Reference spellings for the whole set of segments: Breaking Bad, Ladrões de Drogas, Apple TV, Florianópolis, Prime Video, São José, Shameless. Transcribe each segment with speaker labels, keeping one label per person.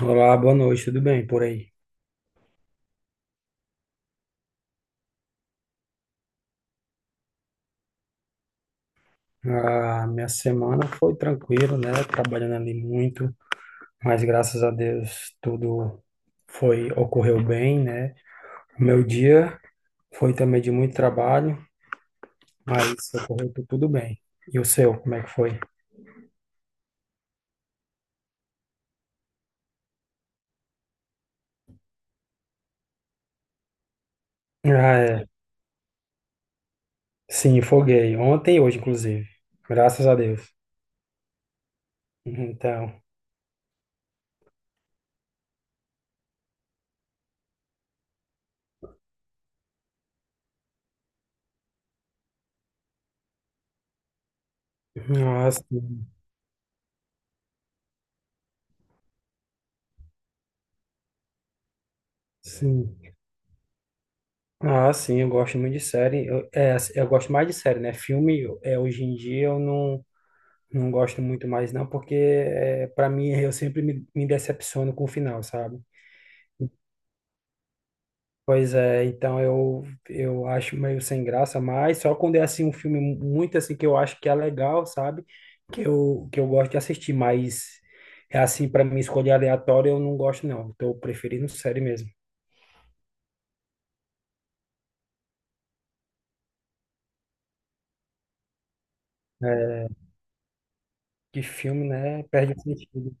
Speaker 1: Olá, boa noite, tudo bem por aí? A minha semana foi tranquila, né? Trabalhando ali muito, mas graças a Deus tudo foi ocorreu bem, né? O meu dia foi também de muito trabalho, mas ocorreu tudo bem. E o seu, como é que foi? Ah, é. Sim, foguei. Ontem e hoje, inclusive. Graças a Deus. Então, ah, sim. Sim. Ah, sim, eu gosto muito de série. Eu gosto mais de série, né? Filme, hoje em dia eu não. Não gosto muito mais, não, porque para mim eu sempre me decepciono com o final, sabe? Pois é, então eu acho meio sem graça, mas só quando é assim um filme muito assim que eu acho que é legal, sabe? Que eu gosto de assistir, mas é assim, para mim escolher aleatório eu não gosto, não. Tô preferindo série mesmo. É, que filme, né? Perde o sentido.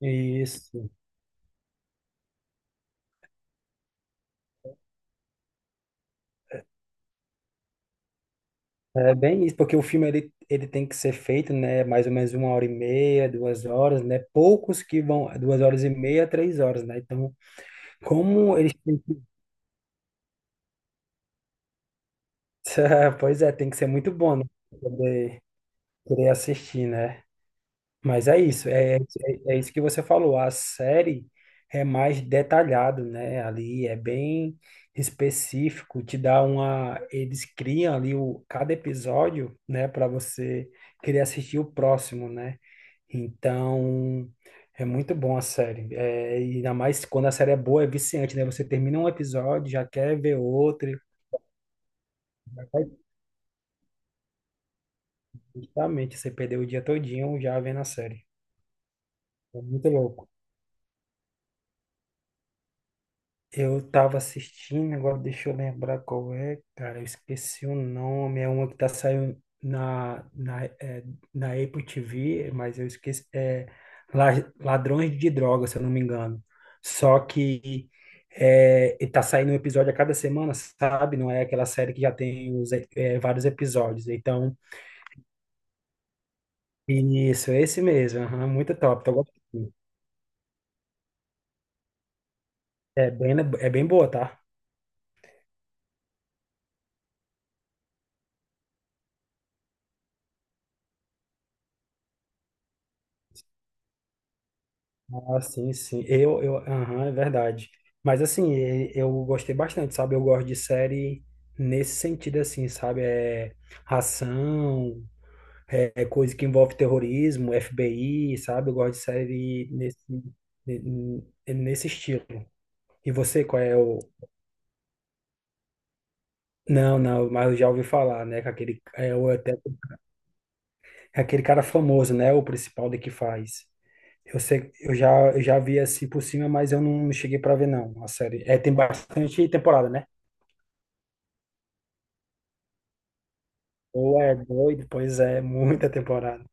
Speaker 1: Isso. É bem isso, porque o filme ele tem que ser feito, né, mais ou menos 1 hora e meia, 2 horas, né, poucos que vão 2 horas e meia, 3 horas, né, então como eles têm que. Pois é, tem que ser muito bom, né, pra poder querer assistir, né, mas é isso, é isso que você falou, a série é mais detalhado, né, ali é bem específico, te dá uma. Eles criam ali o, cada episódio, né, para você querer assistir o próximo, né, então, é muito bom a série. É, e ainda mais quando a série é boa, é viciante, né? Você termina um episódio, já quer ver outro. já vai- Justamente, você perdeu o dia todinho já vendo a série. É muito louco. Eu tava assistindo, agora deixa eu lembrar qual é, cara, eu esqueci o nome, é uma que tá saindo na Apple TV, mas eu esqueci, La- Ladrões de Drogas, se eu não me engano. Só que e tá saindo um episódio a cada semana, sabe? Não é aquela série que já tem vários episódios. Então, isso, esse mesmo, aham, muito top, tô gostando. É bem boa, tá? Ah, sim, sim. Aham, é verdade. Mas assim, eu gostei bastante, sabe? Eu gosto de série nesse sentido, assim, sabe? É ação, é coisa que envolve terrorismo, FBI, sabe? Eu gosto de série ne- nesse estilo. E você, qual é o. Não, não, mas eu já ouvi falar, né? Que aquele, é aquele cara famoso, né? O principal de que faz. Eu sei, eu já vi assim por cima, mas eu não cheguei pra ver não, a série. É, tem bastante temporada, né? Ou é doido, pois é, muita temporada.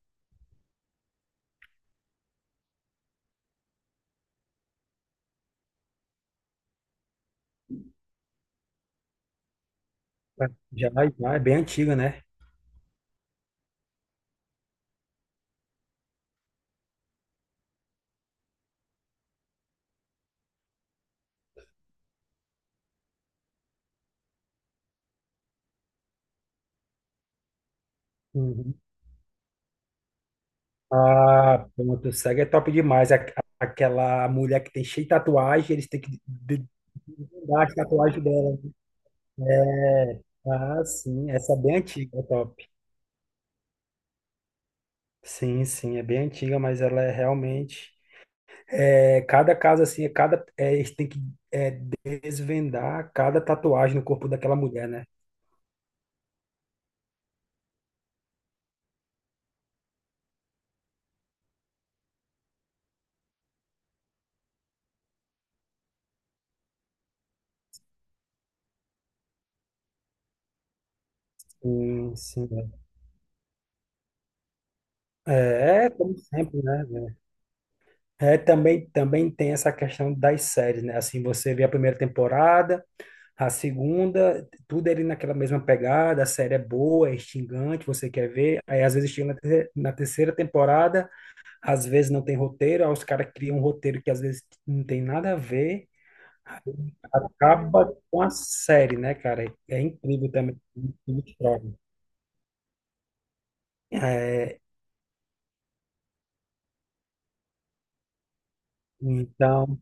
Speaker 1: Já, já é bem antiga, né? Uhum. Ah, pronto, o SEGA é top demais. Aquela mulher que tem cheio de tatuagem, eles têm que dar as tatuagens dela. Ah, sim, essa é bem antiga, é top. Sim, sim, é bem antiga, mas ela é realmente. Cada caso, assim, é cada. Eles têm que desvendar cada tatuagem no corpo daquela mulher, né? Sim, sim. Como sempre, né? É, também tem essa questão das séries, né? Assim, você vê a primeira temporada, a segunda, tudo ali naquela mesma pegada, a série é boa, é instigante, você quer ver. Aí, às vezes, chega na terceira temporada, às vezes não tem roteiro, aí os caras criam um roteiro que às vezes não tem nada a ver, acaba com a série, né, cara? É incrível também. É incrível que prova. É, Então,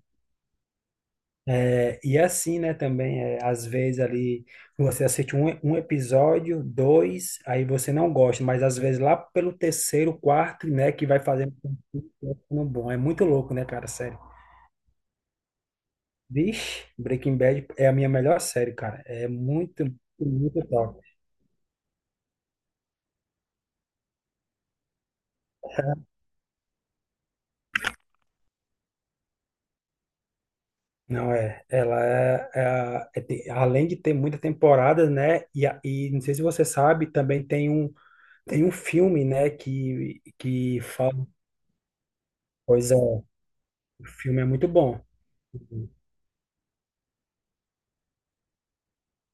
Speaker 1: e assim, né, também, é, às vezes ali você assiste um episódio, dois, aí você não gosta, mas às vezes lá pelo terceiro, quarto, né, que vai fazendo com que vai ficando bom. É muito louco, né, cara, sério. Vixe, Breaking Bad é a minha melhor série, cara. É muito, muito top. Não é, ela é, é a- é te- além de ter muita temporada, né, e não sei se você sabe, também tem um filme, né, que fala, pois é. O filme é muito bom.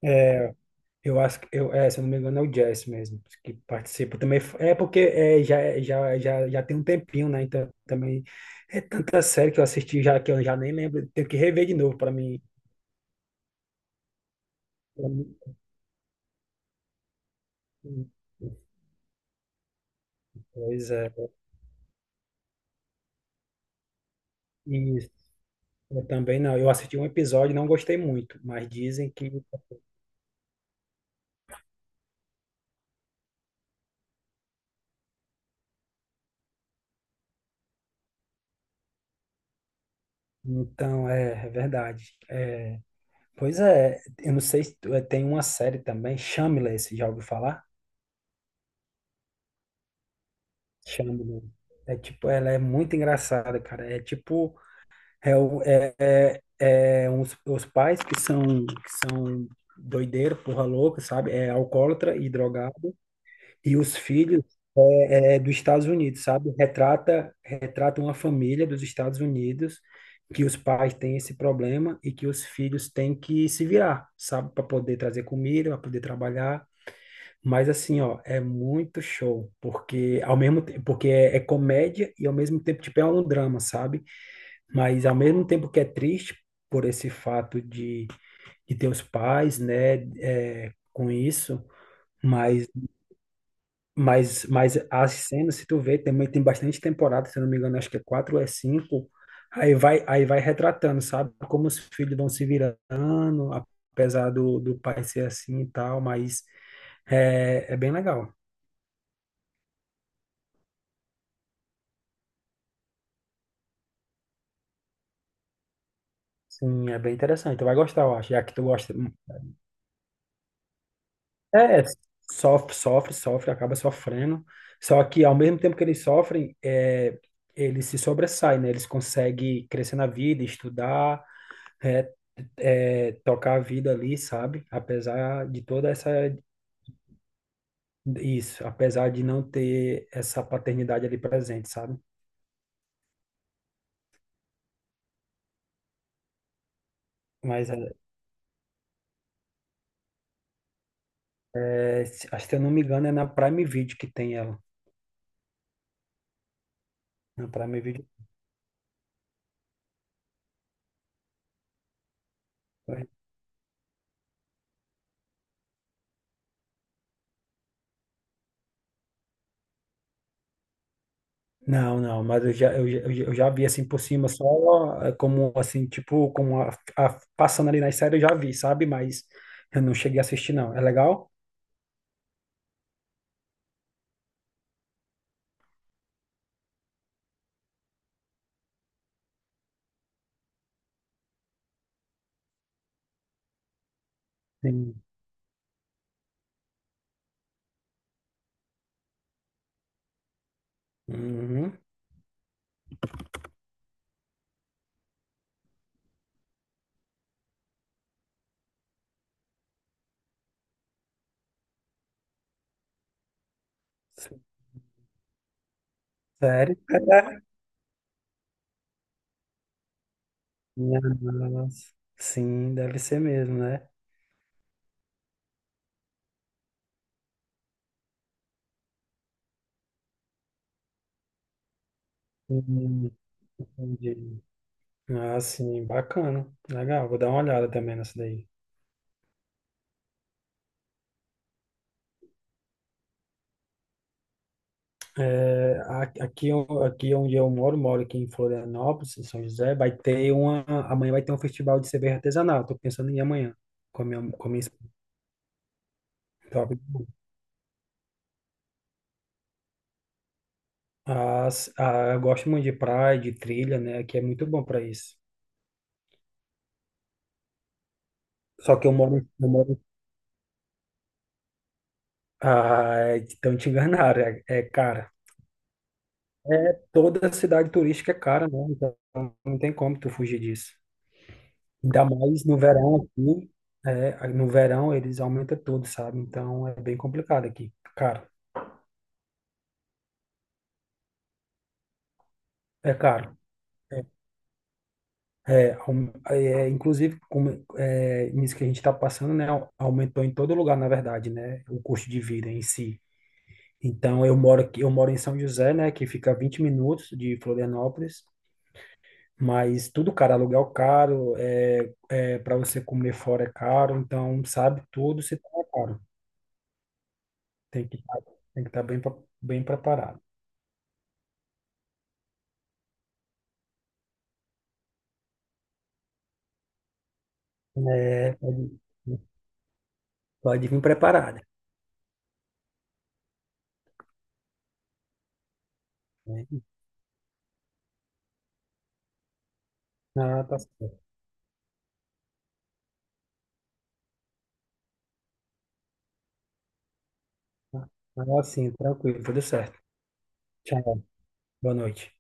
Speaker 1: É, eu acho que, se eu não me engano, é o Jess mesmo que participa também. É porque já tem um tempinho, né? Então também é tanta série que eu assisti já que eu já nem lembro. Tenho que rever de novo para mim. pra mim- Pois é. Isso. Eu também não. Eu assisti um episódio e não gostei muito, mas dizem que. Então, é verdade. Pois é, eu não sei se tem uma série também, Shameless, já ouviu falar? Chama, né? É tipo, ela é muito engraçada, cara. É tipo, é, o- é, os pais que são doideiro, porra louca, sabe? É alcoólatra e drogado. E os filhos é dos Estados Unidos, sabe? Retrata uma família dos Estados Unidos que os pais têm esse problema e que os filhos têm que se virar, sabe? Para poder trazer comida, para poder trabalhar. Mas assim, ó, é muito show, porque ao mesmo tempo, porque é comédia e ao mesmo tempo tipo é um drama, sabe? Mas ao mesmo tempo que é triste por esse fato de ter os pais, né, com isso, mas, mas as cenas, se tu vê, também tem bastante temporada, se eu não me engano, acho que é quatro ou é cinco, aí vai retratando, sabe? Como os filhos vão se virando, apesar do pai ser assim e tal, mas é bem legal. Sim, é bem interessante. Tu vai gostar, eu acho, já que tu gosta. É, sofre, sofre, sofre, acaba sofrendo. Só que ao mesmo tempo que eles sofrem, eles se sobressaem, né? Eles conseguem crescer na vida, estudar, é, tocar a vida ali, sabe? Apesar de toda essa. Isso, apesar de não ter essa paternidade ali presente, sabe? Mas, acho que se eu não me engano, é na Prime Video que tem ela. Na Prime Video. Não, não, mas eu já vi assim por cima, só como assim, tipo, passando ali nas séries eu já vi, sabe? Mas eu não cheguei a assistir, não. É legal? Sim. Uhum. Sério? É. Né? Nossa. Sim, deve ser mesmo, né? Hum, entendi. Ah, sim, bacana. Legal, vou dar uma olhada também nessa daí. Aqui onde eu moro, aqui em Florianópolis, em São José, amanhã vai ter um festival de cerveja artesanal, estou pensando em ir amanhã, com a minha esposa. Top. Eu gosto muito de praia, de trilha, né, que é muito bom para isso. Só que ah, então te enganaram, é cara. É, toda cidade turística é cara, né, então não tem como tu fugir disso. Ainda mais no verão aqui, no verão eles aumentam tudo, sabe? Então é bem complicado aqui. Caro, é caro. É, é, aum- é, inclusive, nisso que a gente está passando, né? Aumentou em todo lugar, na verdade, né? O custo de vida em si. Então eu moro em São José, né? Que fica 20 minutos de Florianópolis, mas tudo caro, aluguel caro, para você comer fora é caro, então sabe, tudo se torna caro. Tem que estar tem que estar bem, bem preparado. É, pode vir preparada. Né? Ah, tá certo. Ah, sim, tranquilo, tudo certo. Tchau, boa noite.